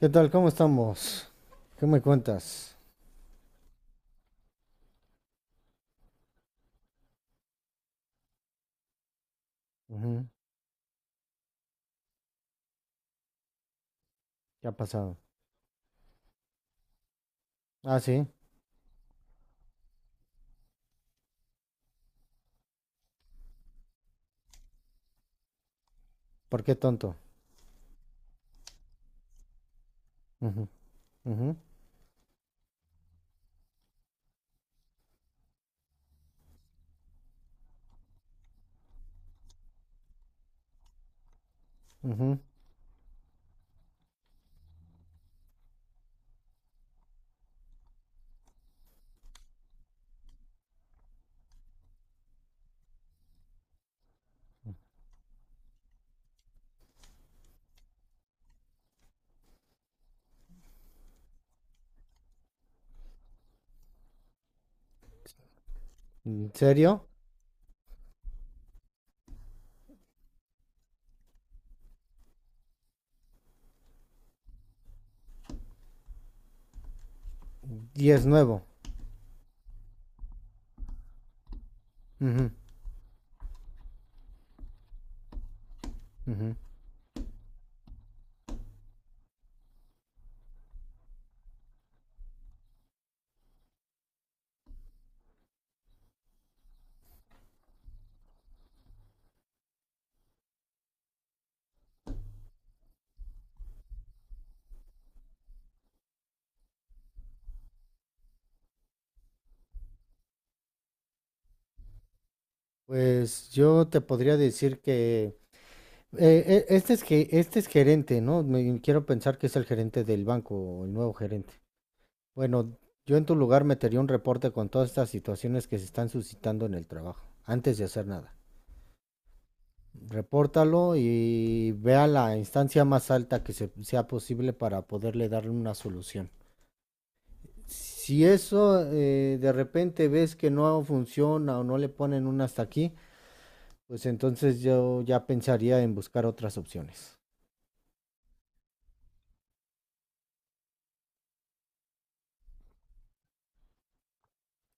¿Qué tal? ¿Cómo estamos? ¿Qué me cuentas? Ujú. ¿Qué ha pasado? Ah, sí. ¿Por qué tonto? Ujú, ujú, ujú. ¿En serio? Y es nuevo. Ujú, ujú. Pues yo te podría decir que este es que este es gerente, ¿no? Quiero pensar que es el gerente del banco, o el nuevo gerente. Bueno, yo en tu lugar metería un reporte con todas estas situaciones que se están suscitando en el trabajo, antes de hacer nada. Repórtalo y vea la instancia más alta que sea posible para poderle darle una solución. Si eso, de repente ves que no funciona o no le ponen un hasta aquí, pues entonces yo ya pensaría en buscar otras opciones.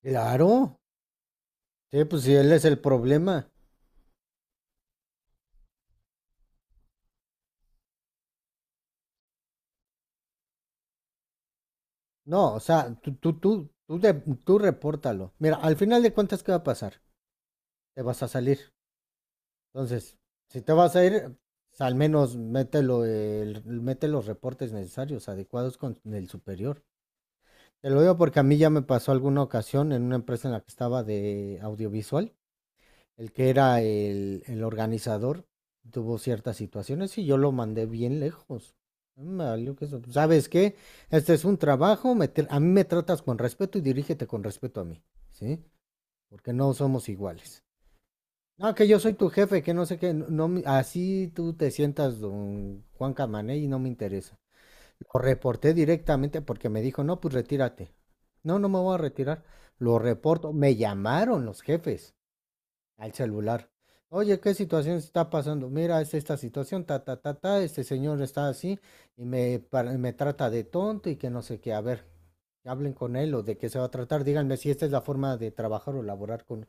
Claro, sí, pues si él es el problema. No, o sea, tú, tú repórtalo. Mira, al final de cuentas, ¿qué va a pasar? Te vas a salir. Entonces, si te vas a ir, al menos mételo, mete los reportes necesarios, adecuados con el superior. Te lo digo porque a mí ya me pasó alguna ocasión en una empresa en la que estaba de audiovisual, el que era el organizador tuvo ciertas situaciones y yo lo mandé bien lejos. Me valió que eso. ¿Sabes qué? Este es un trabajo, a mí me tratas con respeto y dirígete con respeto a mí, ¿sí? Porque no somos iguales. No, que yo soy tu jefe, que no sé qué, no, así tú te sientas don Juan Camané y no me interesa. Lo reporté directamente porque me dijo, no, pues retírate. No, no me voy a retirar. Lo reporto. Me llamaron los jefes al celular. Oye, ¿qué situación está pasando? Mira, es esta situación, ta, ta, ta, ta, este señor está así y me, me trata de tonto y que no sé qué. A ver, hablen con él o de qué se va a tratar. Díganme si esta es la forma de trabajar o laborar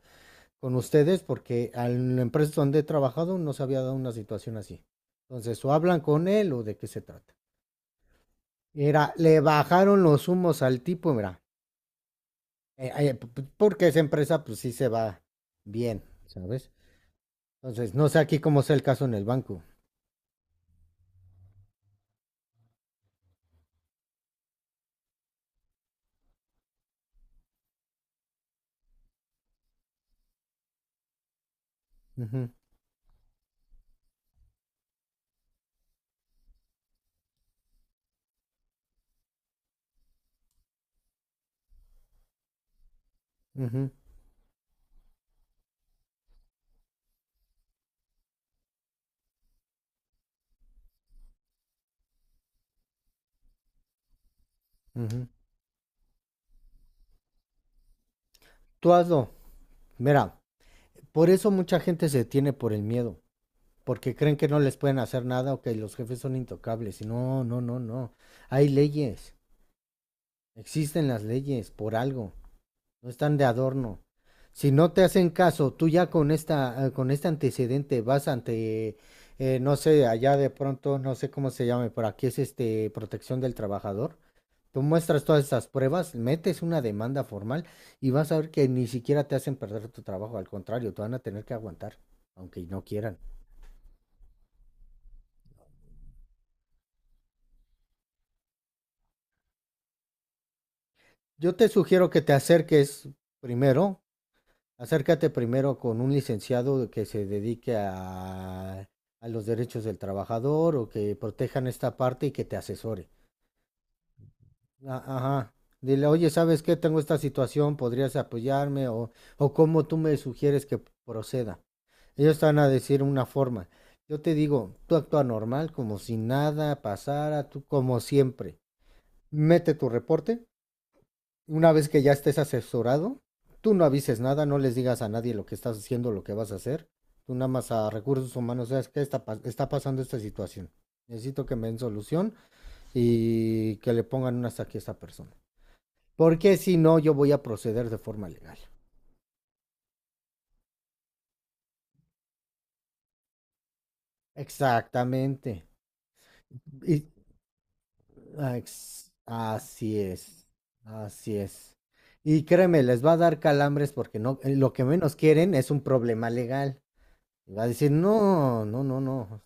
con ustedes porque en la empresa donde he trabajado no se había dado una situación así. Entonces, o hablan con él o de qué se trata. Era, le bajaron los humos al tipo, mira, eh, eh, porque esa empresa pues sí se va bien, ¿sabes? Entonces, no sé aquí cómo sea el caso en el banco. Ujú, ujú, ujú. Tú hazlo. Mira, por eso mucha gente se detiene por el miedo, porque creen que no les pueden hacer nada o que los jefes son intocables. Y no, no, no, no. Hay leyes, existen las leyes por algo. No están de adorno. Si no te hacen caso, tú ya con esta, con este antecedente vas ante, no sé, allá de pronto, no sé cómo se llame, por aquí es este protección del trabajador. Tú muestras todas esas pruebas, metes una demanda formal y vas a ver que ni siquiera te hacen perder tu trabajo, al contrario, te van a tener que aguantar, aunque no quieran. Yo te sugiero que te acerques primero. Acércate primero con un licenciado que se dedique a los derechos del trabajador o que protejan esta parte y que te asesore. Ajá. Dile, oye, ¿sabes qué? Tengo esta situación, ¿podrías apoyarme? O cómo tú me sugieres que proceda. Ellos te van a decir una forma. Yo te digo, tú actúa normal, como si nada pasara, tú como siempre. Mete tu reporte una vez que ya estés asesorado, tú no avises nada, no les digas a nadie lo que estás haciendo, lo que vas a hacer. Tú nada más a recursos humanos, ¿sabes qué está pasando esta situación? Necesito que me den solución y que le pongan una hasta aquí a esta persona. Porque si no, yo voy a proceder de forma legal. Exactamente. Y- Así es. Así es. Y créeme, les va a dar calambres porque no, lo que menos quieren es un problema legal. Y va a decir, no, no, no, no.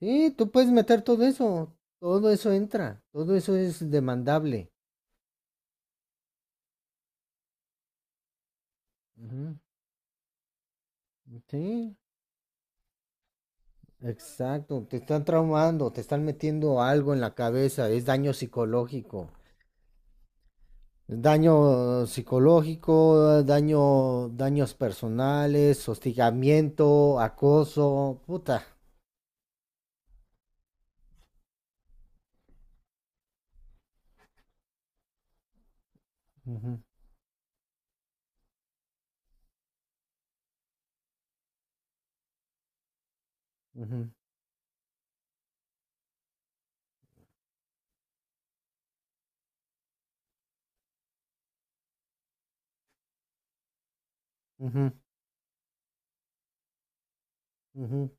Sí, tú puedes meter todo eso entra, todo eso es demandable. Ujú. Sí, exacto, te están traumando, te están metiendo algo en la cabeza, es daño psicológico. Daño psicológico, daño, daños personales, hostigamiento, acoso, puta. Ujú, ujú, ujú, ujú.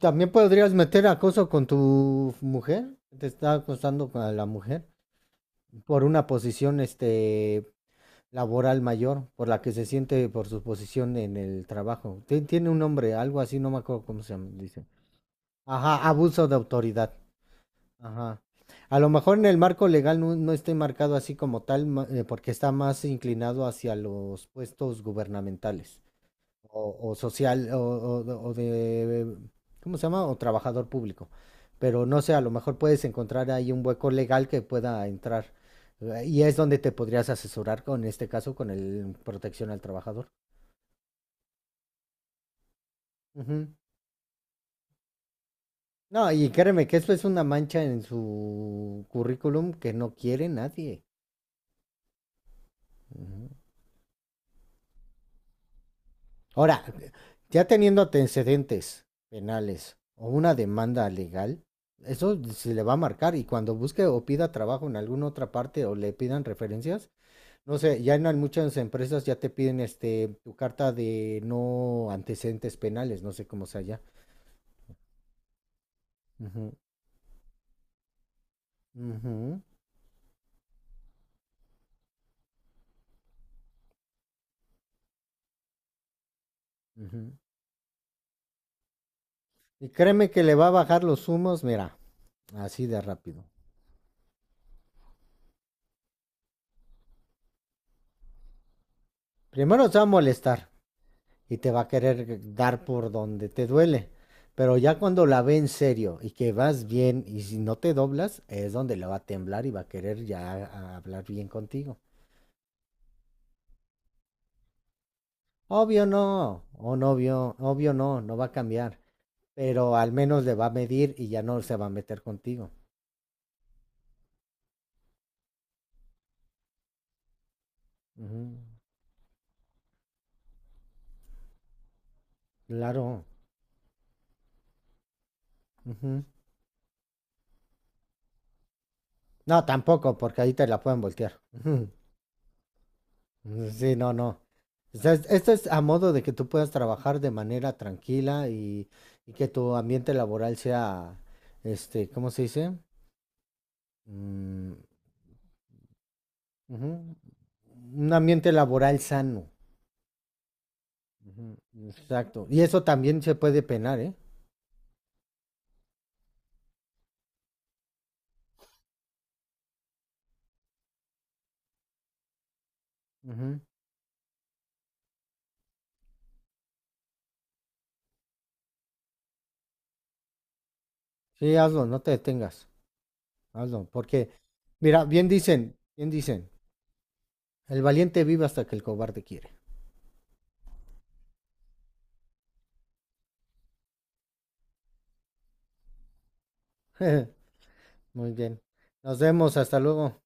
También podrías meter acoso con tu mujer, te está acosando con la mujer por una posición, este, laboral mayor, por la que se siente por su posición en el trabajo. Tiene un nombre, algo así, no me acuerdo cómo se llama, dice. Ajá, abuso de autoridad. Ajá. A lo mejor en el marco legal no, no esté marcado así como tal, porque está más inclinado hacia los puestos gubernamentales o social o, o de, ¿cómo se llama? O trabajador público. Pero no sé, a lo mejor puedes encontrar ahí un hueco legal que pueda entrar. Y es donde te podrías asesorar con en este caso, con el protección al trabajador. Ujú. No, y créeme que esto es una mancha en su currículum que no quiere nadie. Ujú. Ahora, ya teniendo antecedentes penales o una demanda legal, eso se le va a marcar y cuando busque o pida trabajo en alguna otra parte o le pidan referencias, no sé, ya en muchas empresas ya te piden este tu carta de no antecedentes penales, no sé cómo sea ya. Ujú, ujú, ujú. Y créeme que le va a bajar los humos, mira, así de rápido. Primero se va a molestar, y te va a querer dar por donde te duele. Pero ya cuando la ve en serio y que vas bien y si no te doblas, es donde le va a temblar y va a querer ya hablar bien contigo. Obvio no, o no obvio obvio no, no va a cambiar, pero al menos le va a medir y ya no se va a meter contigo. Ujú, claro, ujú. No, tampoco, porque ahí te la pueden voltear. Pues sí, no, no. O sea, esto es a modo de que tú puedas trabajar de manera tranquila y que tu ambiente laboral sea, este, ¿cómo se dice? Mm, ujú. Un ambiente laboral sano. Ujú, exacto. Y eso también se puede penar, ¿eh? Ujú. Sí, hazlo, no te detengas. Hazlo, porque, mira, bien dicen, el valiente vive hasta que el cobarde quiere. Muy bien. Nos vemos, hasta luego.